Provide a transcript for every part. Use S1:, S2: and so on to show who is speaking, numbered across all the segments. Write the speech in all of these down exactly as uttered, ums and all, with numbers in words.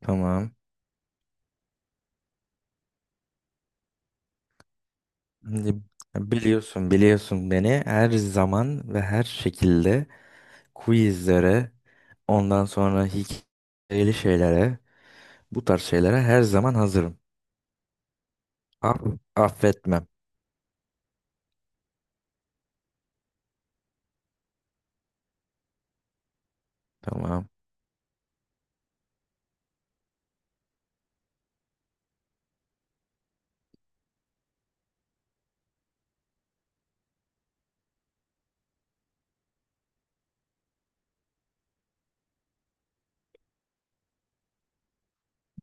S1: Tamam. Şimdi Biliyorsun, biliyorsun beni her zaman ve her şekilde quizlere, ondan sonra hikayeli şeylere, bu tarz şeylere her zaman hazırım. Aff affetmem. Tamam.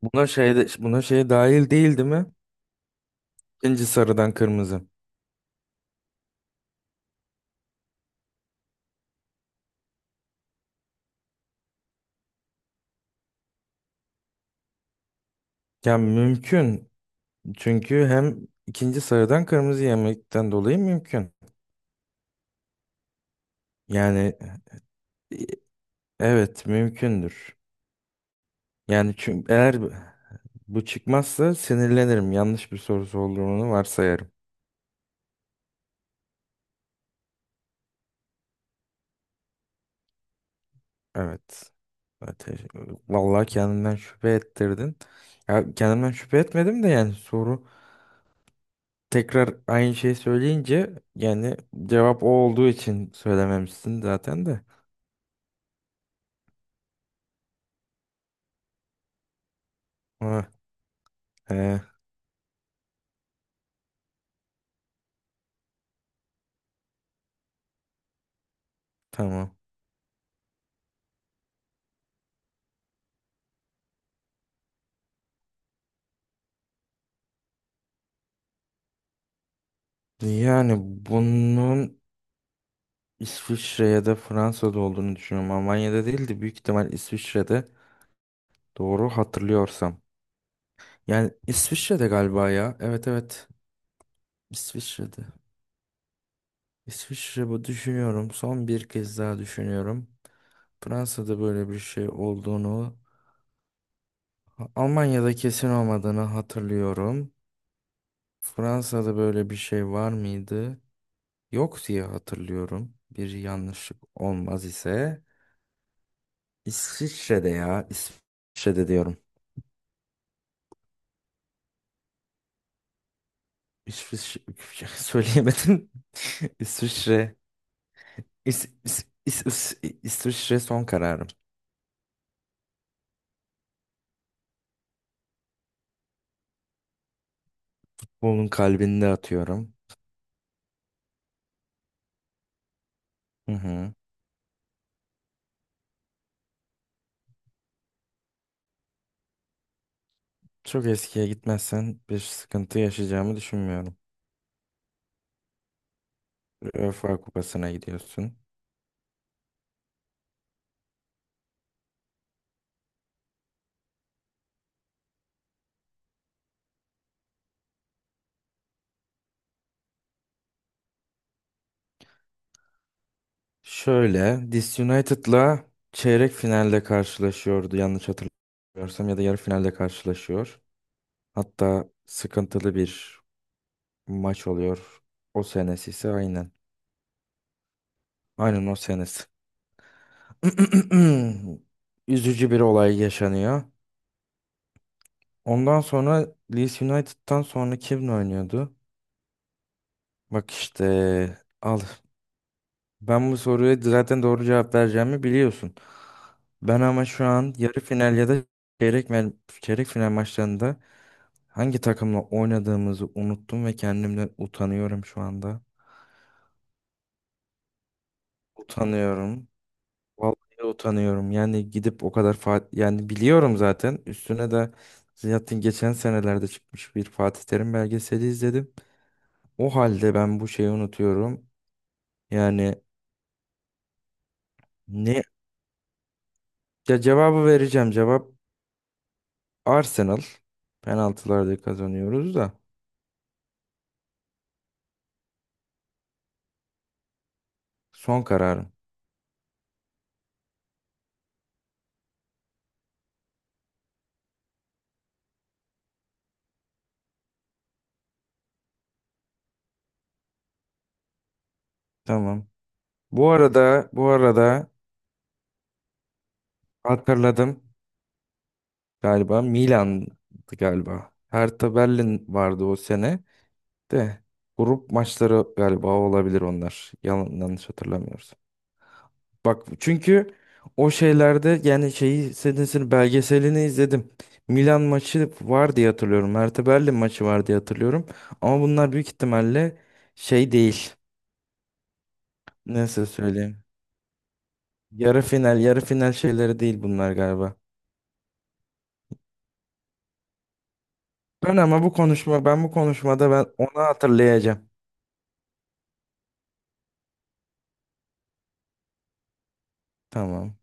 S1: Buna şey de, buna şey dahil değil, değil mi? İkinci sarıdan kırmızı. Ya mümkün. Çünkü hem ikinci sarıdan kırmızı yemekten dolayı mümkün. Yani e, evet mümkündür. Yani çünkü eğer bu çıkmazsa sinirlenirim. Yanlış bir sorusu olduğunu varsayarım. Evet. Ateş. Vallahi kendimden şüphe ettirdin. Ya kendimden şüphe etmedim de yani soru tekrar aynı şeyi söyleyince yani cevap o olduğu için söylememişsin zaten de. Ha, he, tamam. Yani bunun İsviçre ya da Fransa'da olduğunu düşünüyorum. Almanya'da değil de büyük ihtimal İsviçre'de doğru hatırlıyorsam. Yani İsviçre'de galiba ya. Evet evet. İsviçre'de. İsviçre bu düşünüyorum. Son bir kez daha düşünüyorum. Fransa'da böyle bir şey olduğunu, Almanya'da kesin olmadığını hatırlıyorum. Fransa'da böyle bir şey var mıydı? Yok diye hatırlıyorum. Bir yanlışlık olmaz ise. İsviçre'de ya. İsviçre'de diyorum. İsviçre söyleyemedim. İsviçre. İs, İs, İs- İs- İsviçre son kararım. Onun kalbinde atıyorum. Hı hı. Çok eskiye gitmezsen bir sıkıntı yaşayacağımı düşünmüyorum. UEFA Kupası'na gidiyorsun. Şöyle, Dis United'la çeyrek finalde karşılaşıyordu yanlış hatırlamıyorsam ya da yarı finalde karşılaşıyor. Hatta sıkıntılı bir maç oluyor. O senesi ise aynen. Aynen o senesi. Üzücü bir olay yaşanıyor. Ondan sonra Leeds United'tan sonra kim oynuyordu? Bak işte al, ben bu soruya zaten doğru cevap vereceğimi biliyorsun. Ben ama şu an yarı final ya da çeyrek, mel- çeyrek final maçlarında hangi takımla oynadığımızı unuttum ve kendimden utanıyorum şu anda. Utanıyorum. Vallahi utanıyorum. Yani gidip o kadar Fatih yani biliyorum zaten. Üstüne de zaten geçen senelerde çıkmış bir Fatih Terim belgeseli izledim. O halde ben bu şeyi unutuyorum. Yani ne ya cevabı vereceğim. Cevap Arsenal, penaltılarda kazanıyoruz da, son kararım. Tamam. Bu arada bu arada hatırladım galiba Milan'dı galiba. Hertha Berlin vardı o sene de grup maçları galiba olabilir onlar. Yalan, yanlış hatırlamıyoruz. Bak çünkü o şeylerde yani şeyi senesini belgeselini izledim. Milan maçı var diye hatırlıyorum. Hertha Berlin maçı var diye hatırlıyorum. Ama bunlar büyük ihtimalle şey değil. Nasıl söyleyeyim? Yarı final, yarı final şeyleri değil bunlar galiba. Ben ama bu konuşma, ben bu konuşmada ben onu hatırlayacağım. Tamam.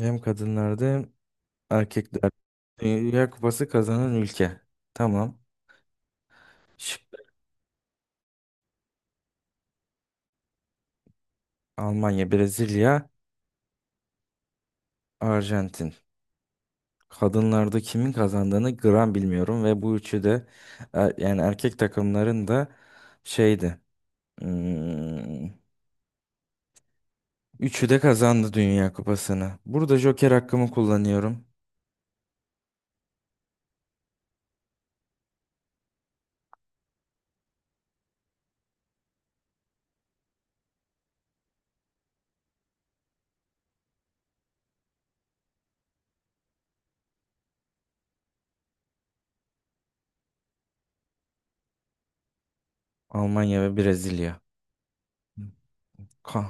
S1: Hem kadınlarda hem erkekler. Dünya Kupası kazanan ülke. Tamam. Şık. Almanya, Brezilya, Arjantin. Kadınlarda kimin kazandığını gram bilmiyorum ve bu üçü de er- yani erkek takımların da şeydi. hmm, üçü de kazandı Dünya Kupası'nı. Burada Joker hakkımı kullanıyorum. Almanya ve Brezilya. Kan,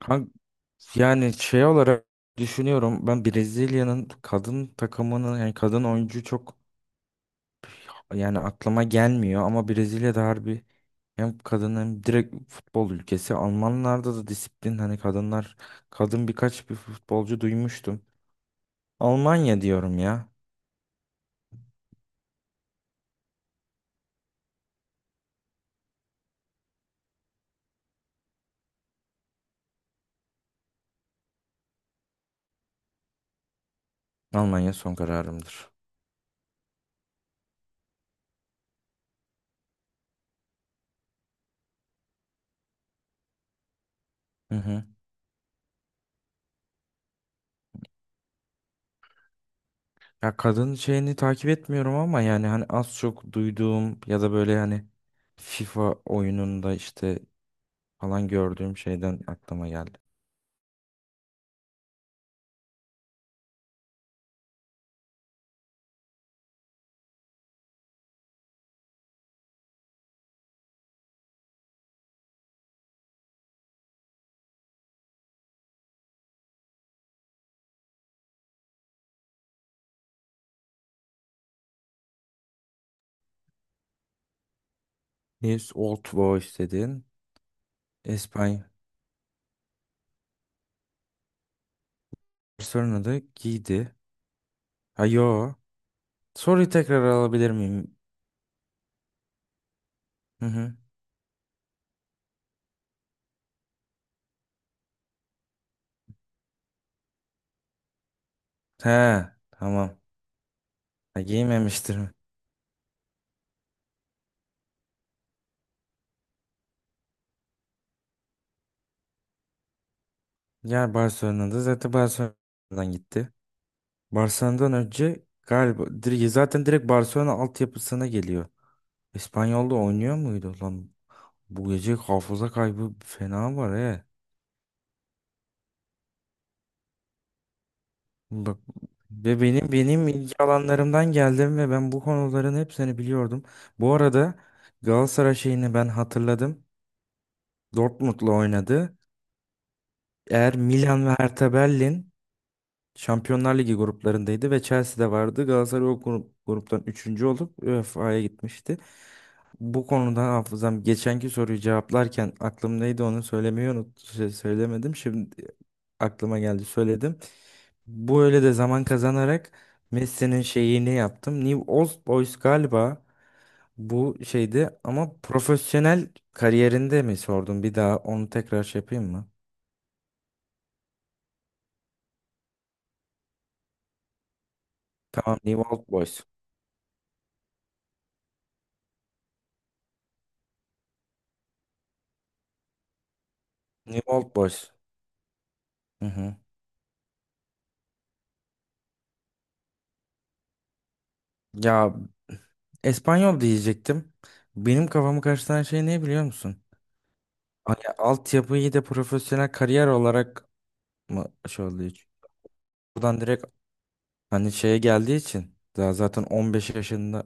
S1: kan- yani şey olarak düşünüyorum ben Brezilya'nın kadın takımının yani kadın oyuncu çok yani aklıma gelmiyor ama Brezilya'da harbi hem kadın hem direkt futbol ülkesi. Almanlarda da disiplin hani kadınlar kadın birkaç bir futbolcu duymuştum. Almanya diyorum ya. Almanya son kararımdır. Hı hı. Ya kadın şeyini takip etmiyorum ama yani hani az çok duyduğum ya da böyle hani FIFA oyununda işte falan gördüğüm şeyden aklıma geldi. His Old Boys dedin. İspanya. Barcelona'da adı Giydi. Ha yo. Soruyu tekrar alabilir miyim? Hı hı. He, tamam. Ha, giymemiştir mi? Ya Barcelona'da zaten Barcelona'dan gitti. Barcelona'dan önce galiba dir- zaten direkt Barcelona altyapısına geliyor. İspanyol'da oynuyor muydu lan? Bu gece hafıza kaybı fena var he. Bak ve benim benim ilgi alanlarımdan geldim ve ben bu konuların hepsini biliyordum. Bu arada Galatasaray şeyini ben hatırladım. Dortmund'la oynadı. Eğer Milan ve Hertha Berlin Şampiyonlar Ligi gruplarındaydı ve Chelsea'de vardı. Galatasaray o grup, gruptan üçüncü olup UEFA'ya gitmişti. Bu konuda hafızam geçenki soruyu cevaplarken aklımdaydı onu söylemeyi unut şey, söylemedim. Şimdi aklıma geldi söyledim. Bu öyle de zaman kazanarak Messi'nin şeyini yaptım. New Old Boys galiba bu şeydi ama profesyonel kariyerinde mi sordum? Bir daha onu tekrar şey yapayım mı? Tamam, New Old Boys. New Old Boys. Hı hı. Ya İspanyol diyecektim. Benim kafamı karıştıran şey ne biliyor musun? Hani altyapıyı da profesyonel kariyer olarak mı şey oluyor? Buradan direkt hani şeye geldiği için daha zaten on beş yaşında,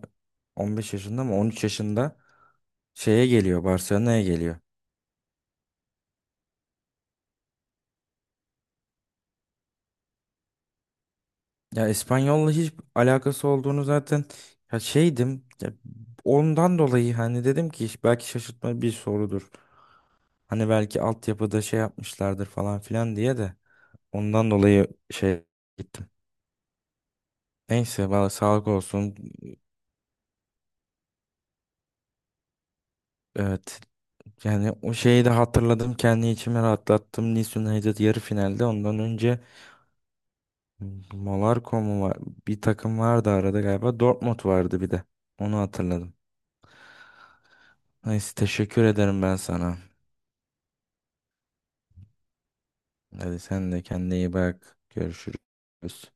S1: on beş yaşında mı on üç yaşında şeye geliyor, Barcelona'ya geliyor. Ya İspanyol'la hiç alakası olduğunu zaten ya şeydim. Ya ondan dolayı hani dedim ki belki şaşırtma bir sorudur. Hani belki altyapıda şey yapmışlardır falan filan diye de ondan dolayı şey gittim. Neyse valla sağlık olsun. Evet. Yani o şeyi de hatırladım. Kendi içime rahatlattım. Nice United yarı finalde. Ondan önce Monaco mu var? Bir takım vardı arada galiba. Dortmund vardı bir de. Onu hatırladım. Neyse teşekkür ederim ben sana. Hadi sen de kendine iyi bak. Görüşürüz.